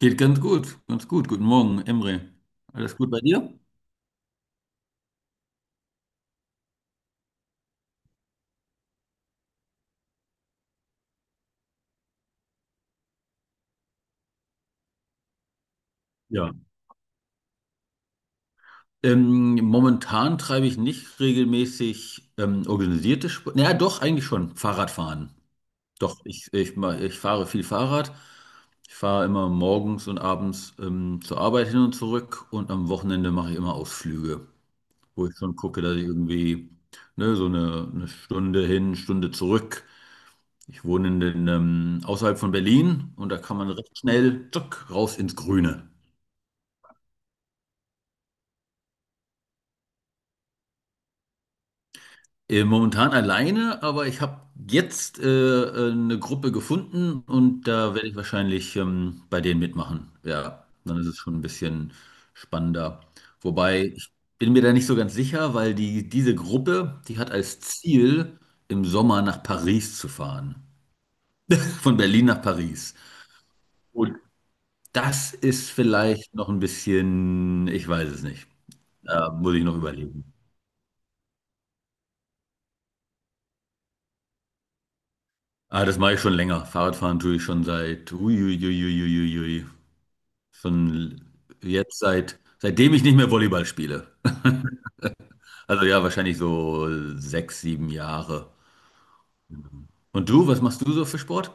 Geht ganz gut, ganz gut. Guten Morgen, Emre. Alles gut bei dir? Ja. Momentan treibe ich nicht regelmäßig organisierte Sport. Naja, doch, eigentlich schon. Fahrradfahren. Doch, ich fahre viel Fahrrad. Ich fahre immer morgens und abends zur Arbeit hin und zurück, und am Wochenende mache ich immer Ausflüge, wo ich schon gucke, dass ich irgendwie, ne, so eine Stunde hin, Stunde zurück. Ich wohne außerhalb von Berlin, und da kann man recht schnell, tschuck, raus ins Grüne. Momentan alleine, aber ich habe jetzt eine Gruppe gefunden, und da werde ich wahrscheinlich bei denen mitmachen. Ja, dann ist es schon ein bisschen spannender. Wobei, ich bin mir da nicht so ganz sicher, weil diese Gruppe, die hat als Ziel, im Sommer nach Paris zu fahren. Von Berlin nach Paris. Und das ist vielleicht noch ein bisschen, ich weiß es nicht. Da muss ich noch überlegen. Ah, das mache ich schon länger. Fahrradfahren tue ich schon seit, schon jetzt seit, seitdem ich nicht mehr Volleyball spiele. Also ja, wahrscheinlich so sechs, sieben Jahre. Und du, was machst du so für Sport?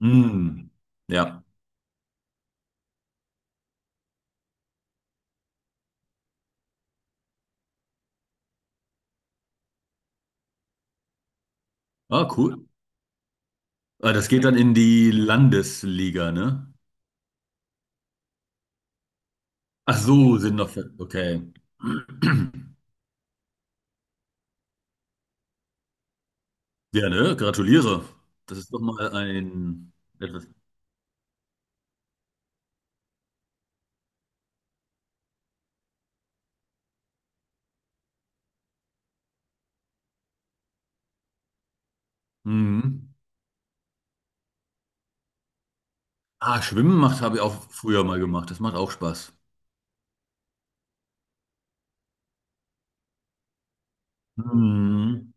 Hm, ja. Ah, cool. Ah, das geht dann in die Landesliga, ne? Ach so, sind noch, okay. Ja, ne? Gratuliere. Das ist doch mal ein etwas. Mhm. Ah, Schwimmen macht, habe ich auch früher mal gemacht. Das macht auch Spaß. Mhm.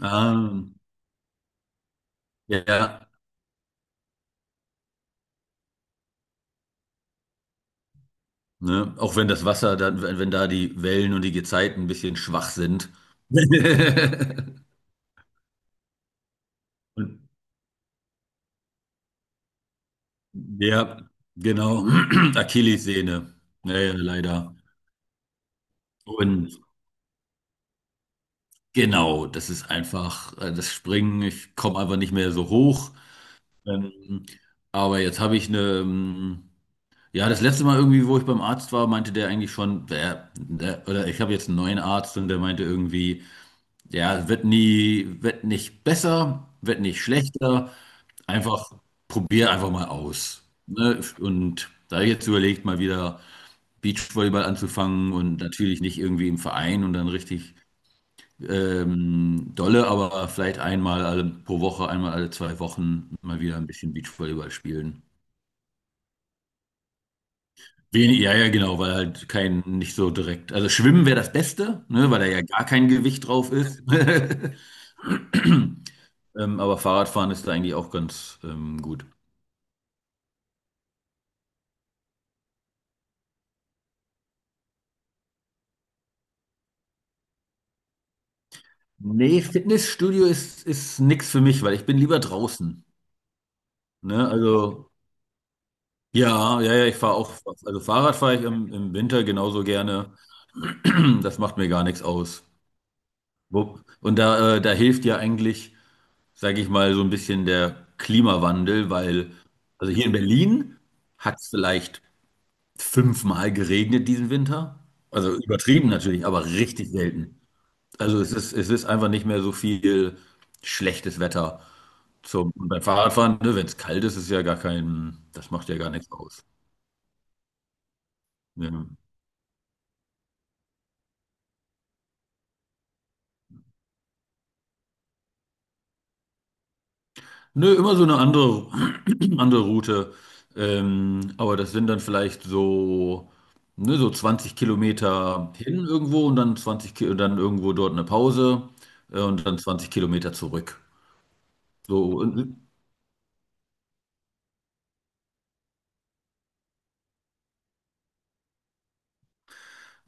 Ah, ja, ja. Ne? Auch wenn das Wasser, dann, wenn da die Wellen und die Gezeiten ein bisschen schwach sind. Und, ja, genau. Achillessehne. Naja, leider. Und genau, das ist einfach das Springen. Ich komme einfach nicht mehr so hoch. Ähm, aber jetzt habe ich eine. Ja, das letzte Mal irgendwie, wo ich beim Arzt war, meinte der eigentlich schon, oder ich habe jetzt einen neuen Arzt, und der meinte irgendwie, ja, wird nicht besser, wird nicht schlechter, einfach probier einfach mal aus. Ne? Und da habe ich jetzt überlegt, mal wieder Beachvolleyball anzufangen, und natürlich nicht irgendwie im Verein und dann richtig dolle, aber vielleicht pro Woche, einmal alle 2 Wochen mal wieder ein bisschen Beachvolleyball spielen. Wenig, ja, ja, genau, weil halt kein, nicht so direkt. Also Schwimmen wäre das Beste, ne, weil da ja gar kein Gewicht drauf ist. Aber Fahrradfahren ist da eigentlich auch ganz gut. Nee, Fitnessstudio ist nichts für mich, weil ich bin lieber draußen. Ne? Also, ja, ja, ja, ich fahre auch, also Fahrrad fahre ich im Winter genauso gerne. Das macht mir gar nichts aus. Und da hilft ja eigentlich, sage ich mal, so ein bisschen der Klimawandel, weil, also hier in Berlin hat es vielleicht fünfmal geregnet diesen Winter. Also übertrieben natürlich, aber richtig selten. Also es ist einfach nicht mehr so viel schlechtes Wetter. Und beim Fahrradfahren, ne, wenn es kalt ist, ist ja gar kein, das macht ja gar nichts aus. Ja. Nö, immer so eine andere, andere Route. Aber das sind dann vielleicht so, ne, so 20 Kilometer hin irgendwo und dann 20, dann irgendwo dort eine Pause, und dann 20 Kilometer zurück. So, und,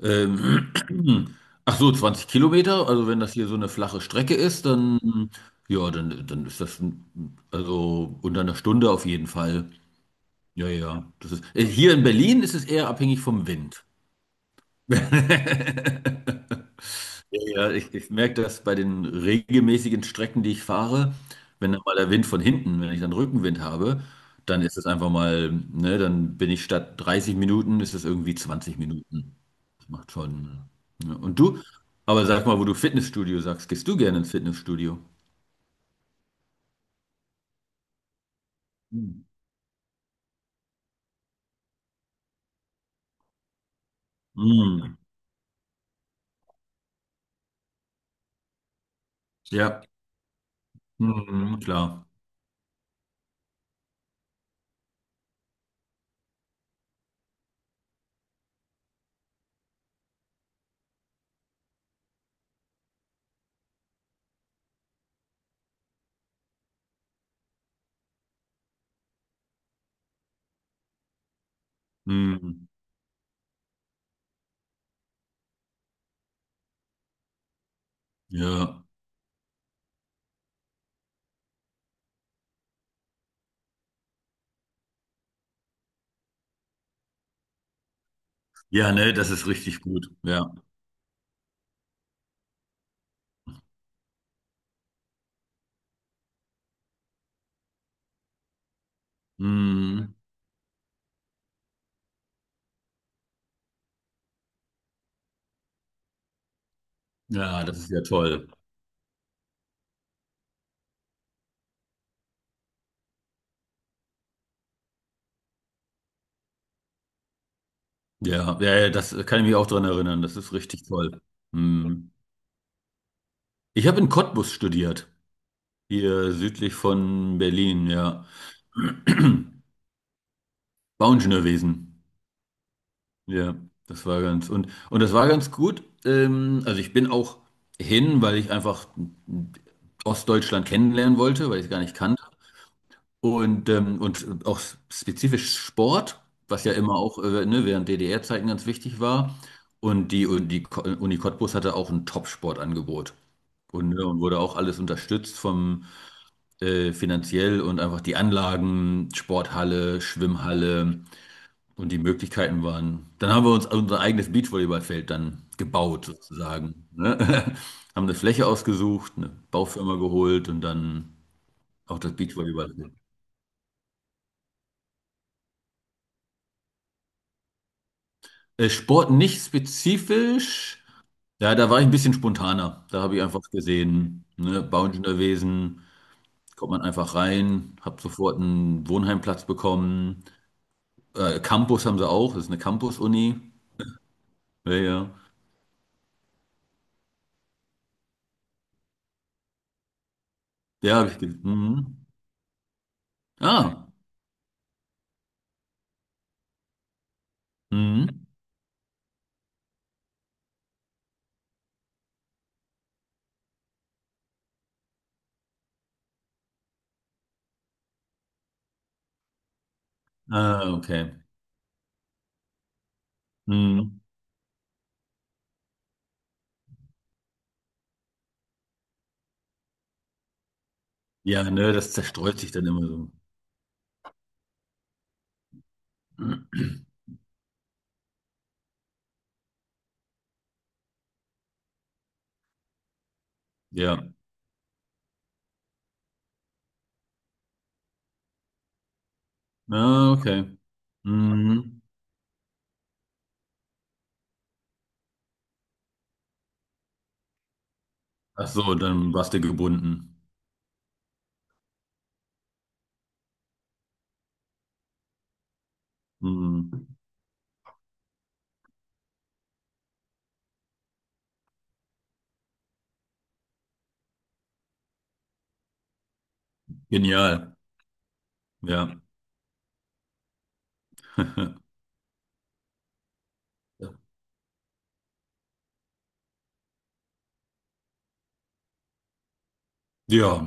ähm, ach so, 20 Kilometer. Also wenn das hier so eine flache Strecke ist, dann, ja, dann ist das, also unter einer Stunde auf jeden Fall. Ja, ja. Das ist, hier in Berlin ist es eher abhängig vom Wind. Ja, ja, ich merke das bei den regelmäßigen Strecken, die ich fahre, wenn dann mal der Wind von hinten, wenn ich dann Rückenwind habe, dann ist es einfach mal, ne, dann bin ich statt 30 Minuten, ist es irgendwie 20 Minuten. Das macht schon. Ne. Ja, und du? Aber sag mal, wo du Fitnessstudio sagst, gehst du gerne ins Fitnessstudio? Hm. Hm, ja, hm, klar. Hm, ja. Ja, ne, das ist richtig gut. Ja. Hm, ja, das ist ja toll. Ja, ja, ja, das kann ich mich auch dran erinnern. Das ist richtig toll. Hm. Ich habe in Cottbus studiert, hier südlich von Berlin, ja. Bauingenieurwesen. Ja, das war ganz, und das war ganz gut. Also ich bin auch hin, weil ich einfach Ostdeutschland kennenlernen wollte, weil ich es gar nicht kannte. Und auch spezifisch Sport, was ja immer auch ne, während DDR-Zeiten ganz wichtig war. Und die Uni Cottbus hatte auch ein Top-Sportangebot. Und wurde auch alles unterstützt vom finanziell, und einfach die Anlagen, Sporthalle, Schwimmhalle und die Möglichkeiten waren. Dann haben wir uns unser eigenes Beachvolleyballfeld dann gebaut, sozusagen. Ne? Haben eine Fläche ausgesucht, eine Baufirma geholt, und dann auch das Beachvolleyball. Sport nicht spezifisch. Ja, da war ich ein bisschen spontaner. Da habe ich einfach gesehen, ne, Bounce gewesen, kommt man einfach rein, habe sofort einen Wohnheimplatz bekommen. Campus haben sie auch, das ist eine Campus-Uni. Ja, ja. Ja, habe ich mhm. Ah, mhm. Ah, okay. Mhm. Ja, ne, das zerstreut sich dann immer so. Ja, ah, okay. Mhm. Ach so, dann warst du gebunden. Mhm. Genial, ja. Ja, ja,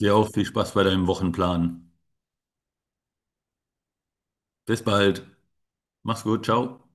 dir auch viel Spaß bei deinem Wochenplan. Bis bald. Mach's gut, ciao.